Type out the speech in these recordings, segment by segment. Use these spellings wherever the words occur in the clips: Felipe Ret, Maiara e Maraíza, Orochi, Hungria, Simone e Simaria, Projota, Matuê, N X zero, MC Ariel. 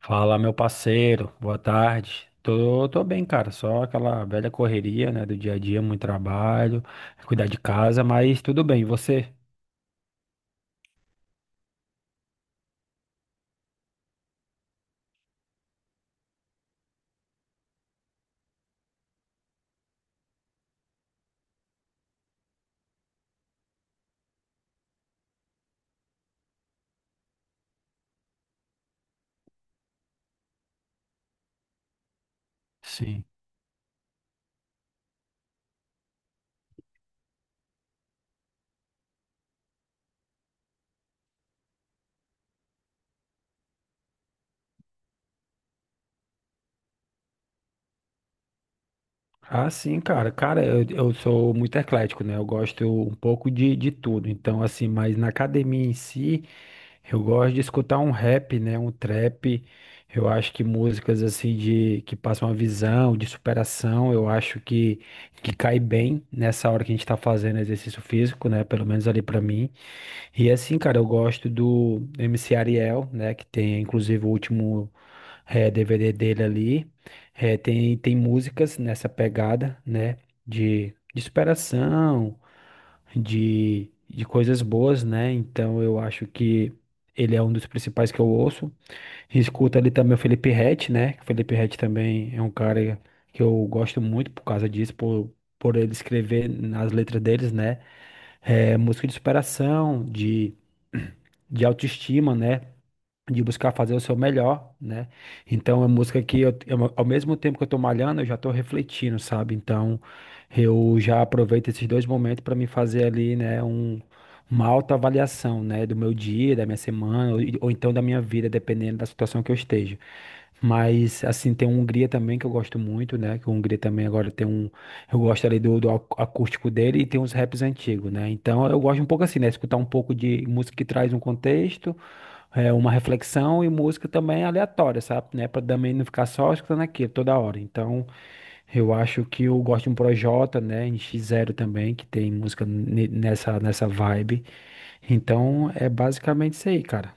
Fala, meu parceiro, boa tarde. Tô bem, cara, só aquela velha correria, né, do dia a dia, muito trabalho, cuidar de casa, mas tudo bem, e você? Sim. Ah, sim, cara. Cara, eu sou muito eclético, né? Eu gosto um pouco de tudo. Então, assim, mas na academia em si, eu gosto de escutar um rap, né? Um trap. Eu acho que músicas assim de que passam uma visão, de superação, eu acho que cai bem nessa hora que a gente tá fazendo exercício físico, né? Pelo menos ali pra mim. E assim, cara, eu gosto do MC Ariel, né? Que tem inclusive o último DVD dele ali. Tem músicas nessa pegada, né? De superação, de coisas boas, né? Então eu acho que ele é um dos principais que eu ouço. Escuta ali também o Felipe Ret, né? O Felipe Ret também é um cara que eu gosto muito por causa disso, por ele escrever nas letras deles, né? É música de superação, de autoestima, né? De buscar fazer o seu melhor, né? Então, é música que ao mesmo tempo que eu tô malhando, eu já tô refletindo, sabe? Então, eu já aproveito esses dois momentos para me fazer ali, né, uma autoavaliação, né, do meu dia, da minha semana, ou então da minha vida, dependendo da situação que eu esteja. Mas, assim, tem a Hungria também que eu gosto muito, né? Que a Hungria também agora tem um. Eu gosto ali do acústico dele e tem uns raps antigos, né? Então eu gosto um pouco assim, né? Escutar um pouco de música que traz um contexto, uma reflexão e música também aleatória, sabe? Né? Pra também não ficar só escutando aquilo toda hora. Então eu acho que eu gosto de um Projota, né? N X zero também, que tem música nessa vibe. Então é basicamente isso aí, cara.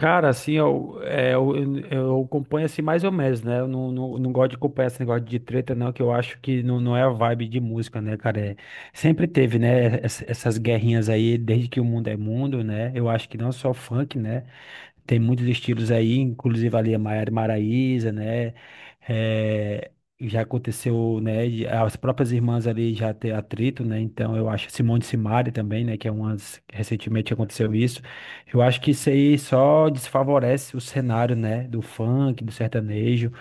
Cara, assim, eu acompanho assim mais ou menos, né? Eu não gosto de acompanhar esse negócio de treta, não, que eu acho que não é a vibe de música, né, cara? É, sempre teve, né, essas guerrinhas aí, desde que o mundo é mundo, né? Eu acho que não só funk, né? Tem muitos estilos aí, inclusive ali a Maiara e Maraíza, né? É, já aconteceu, né? As próprias irmãs ali já ter atrito, né? Então eu acho Simone e Simaria também, né? Que é umas que recentemente aconteceu isso. Eu acho que isso aí só desfavorece o cenário, né? Do funk, do sertanejo.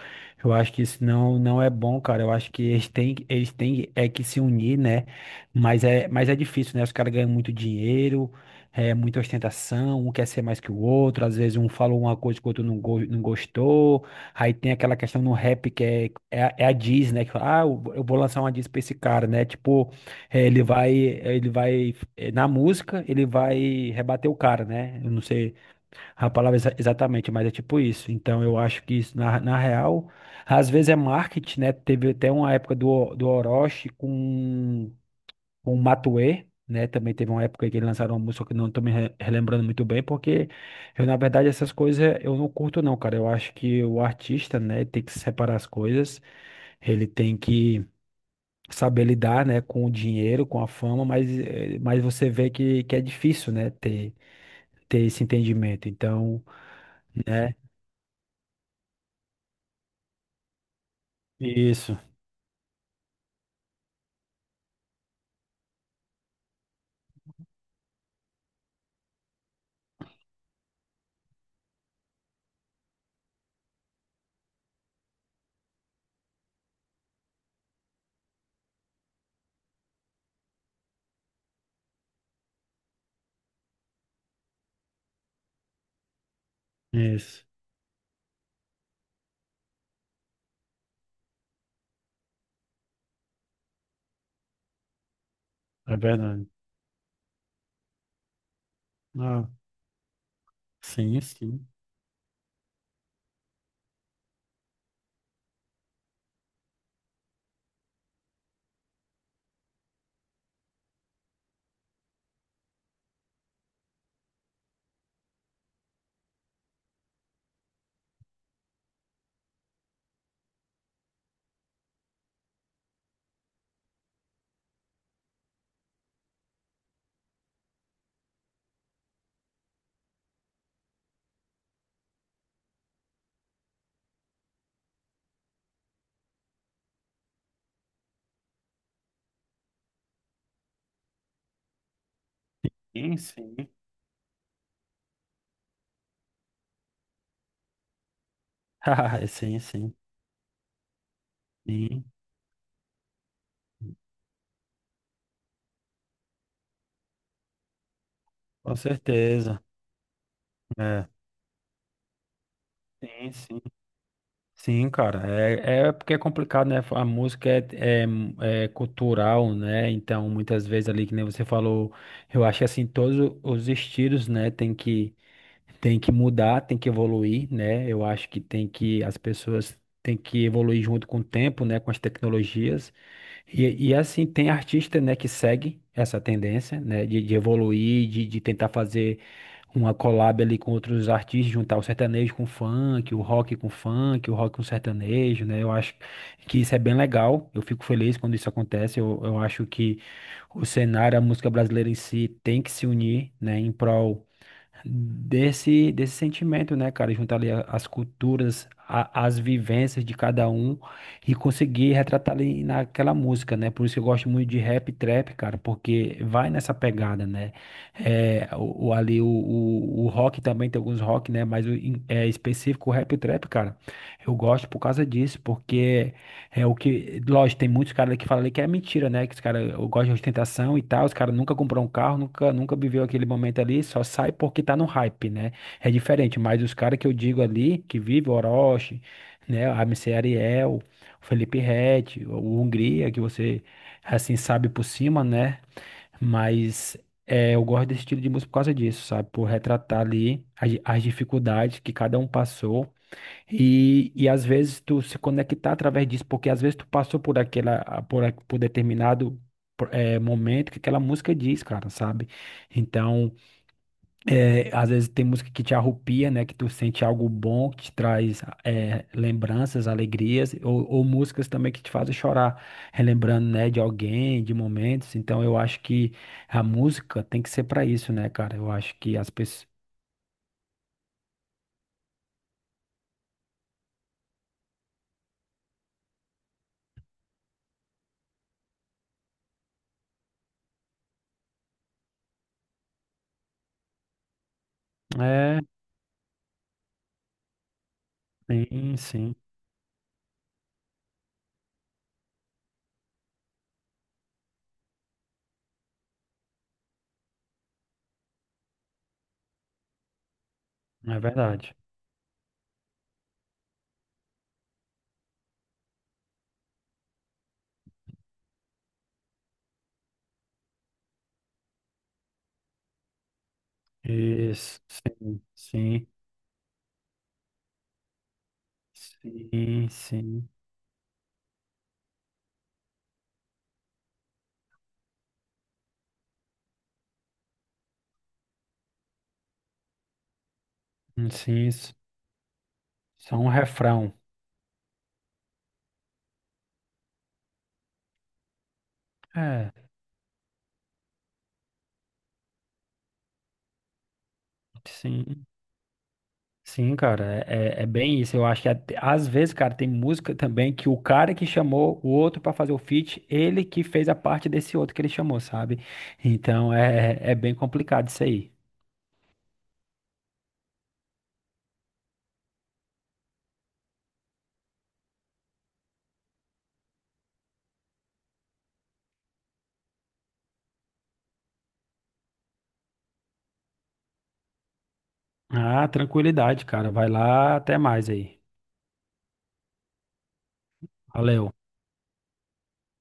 Eu acho que isso não é bom, cara. Eu acho que eles têm é que se unir, né? Mas é difícil, né? Os caras ganham muito dinheiro é muita ostentação, um quer ser mais que o outro, às vezes um falou uma coisa que o outro não gostou. Aí tem aquela questão no rap que é a diss, né? Que fala, ah, eu vou lançar uma diss pra esse cara, né? Tipo, ele vai, na música, ele vai rebater o cara, né? Eu não sei a palavra exatamente, mas é tipo isso. Então eu acho que isso, na real, às vezes é marketing, né? Teve até uma época do Orochi com o Matuê, né? Também teve uma época que eles lançaram uma música que eu não tô me relembrando muito bem, porque eu, na verdade, essas coisas eu não curto, não, cara. Eu acho que o artista, né, tem que separar as coisas, ele tem que saber lidar, né, com o dinheiro, com a fama, mas, mas você vê que é difícil, né, ter esse entendimento. Então, né? Isso, isso. É verdade. Ah, sim, sim. Sim, sim. Sim, sim. Sim, com certeza. É. Sim, sim. Sim, cara, é porque é complicado, né? A música é cultural, né? Então, muitas vezes ali, que nem você falou, eu acho que assim, todos os estilos, né, tem que mudar, tem que evoluir, né? Eu acho que tem que, as pessoas têm que evoluir junto com o tempo, né? Com as tecnologias. E assim, tem artista, né, que segue essa tendência, né, de evoluir, de tentar fazer uma collab ali com outros artistas, juntar o sertanejo com o funk, o rock com o funk, o rock com o sertanejo, né, eu acho que isso é bem legal, eu fico feliz quando isso acontece, eu acho que o cenário, a música brasileira em si tem que se unir, né, em prol desse sentimento, né, cara? Juntar ali as culturas, as vivências de cada um e conseguir retratar ali naquela música, né? Por isso que eu gosto muito de rap e trap, cara, porque vai nessa pegada, né? É, ali o rock também tem alguns rock, né? Mas é específico o rap e o trap, cara. Eu gosto por causa disso, porque é o que, lógico, tem muitos caras que falam ali que é mentira, né? Que os caras gostam de ostentação e tal, os caras nunca comprou um carro, nunca viveu aquele momento ali, só sai porque tá no hype, né? É diferente, mas os caras que eu digo ali, que vive o Orochi, né? A MC Ariel, o Felipe Ret, o Hungria, que você, assim, sabe por cima, né? Mas é, eu gosto desse estilo de música por causa disso, sabe? Por retratar ali as dificuldades que cada um passou e às vezes tu se conectar através disso, porque às vezes tu passou por por determinado momento que aquela música diz, cara, sabe? Então, às vezes tem música que te arrupia, né? Que tu sente algo bom, que te traz lembranças, alegrias, ou músicas também que te fazem chorar, relembrando, né, de alguém, de momentos. Então, eu acho que a música tem que ser pra isso, né, cara? Eu acho que as pessoas. É, sim, sim, é verdade. Isso, sim, sim, sim, sim, sim, isso. É um refrão. É, sim, sim, cara, é bem isso. Eu acho que às vezes, cara, tem música também que o cara que chamou o outro pra fazer o feat, ele que fez a parte desse outro que ele chamou, sabe? Então é bem complicado isso aí. Ah, tranquilidade, cara. Vai lá, até mais aí. Valeu.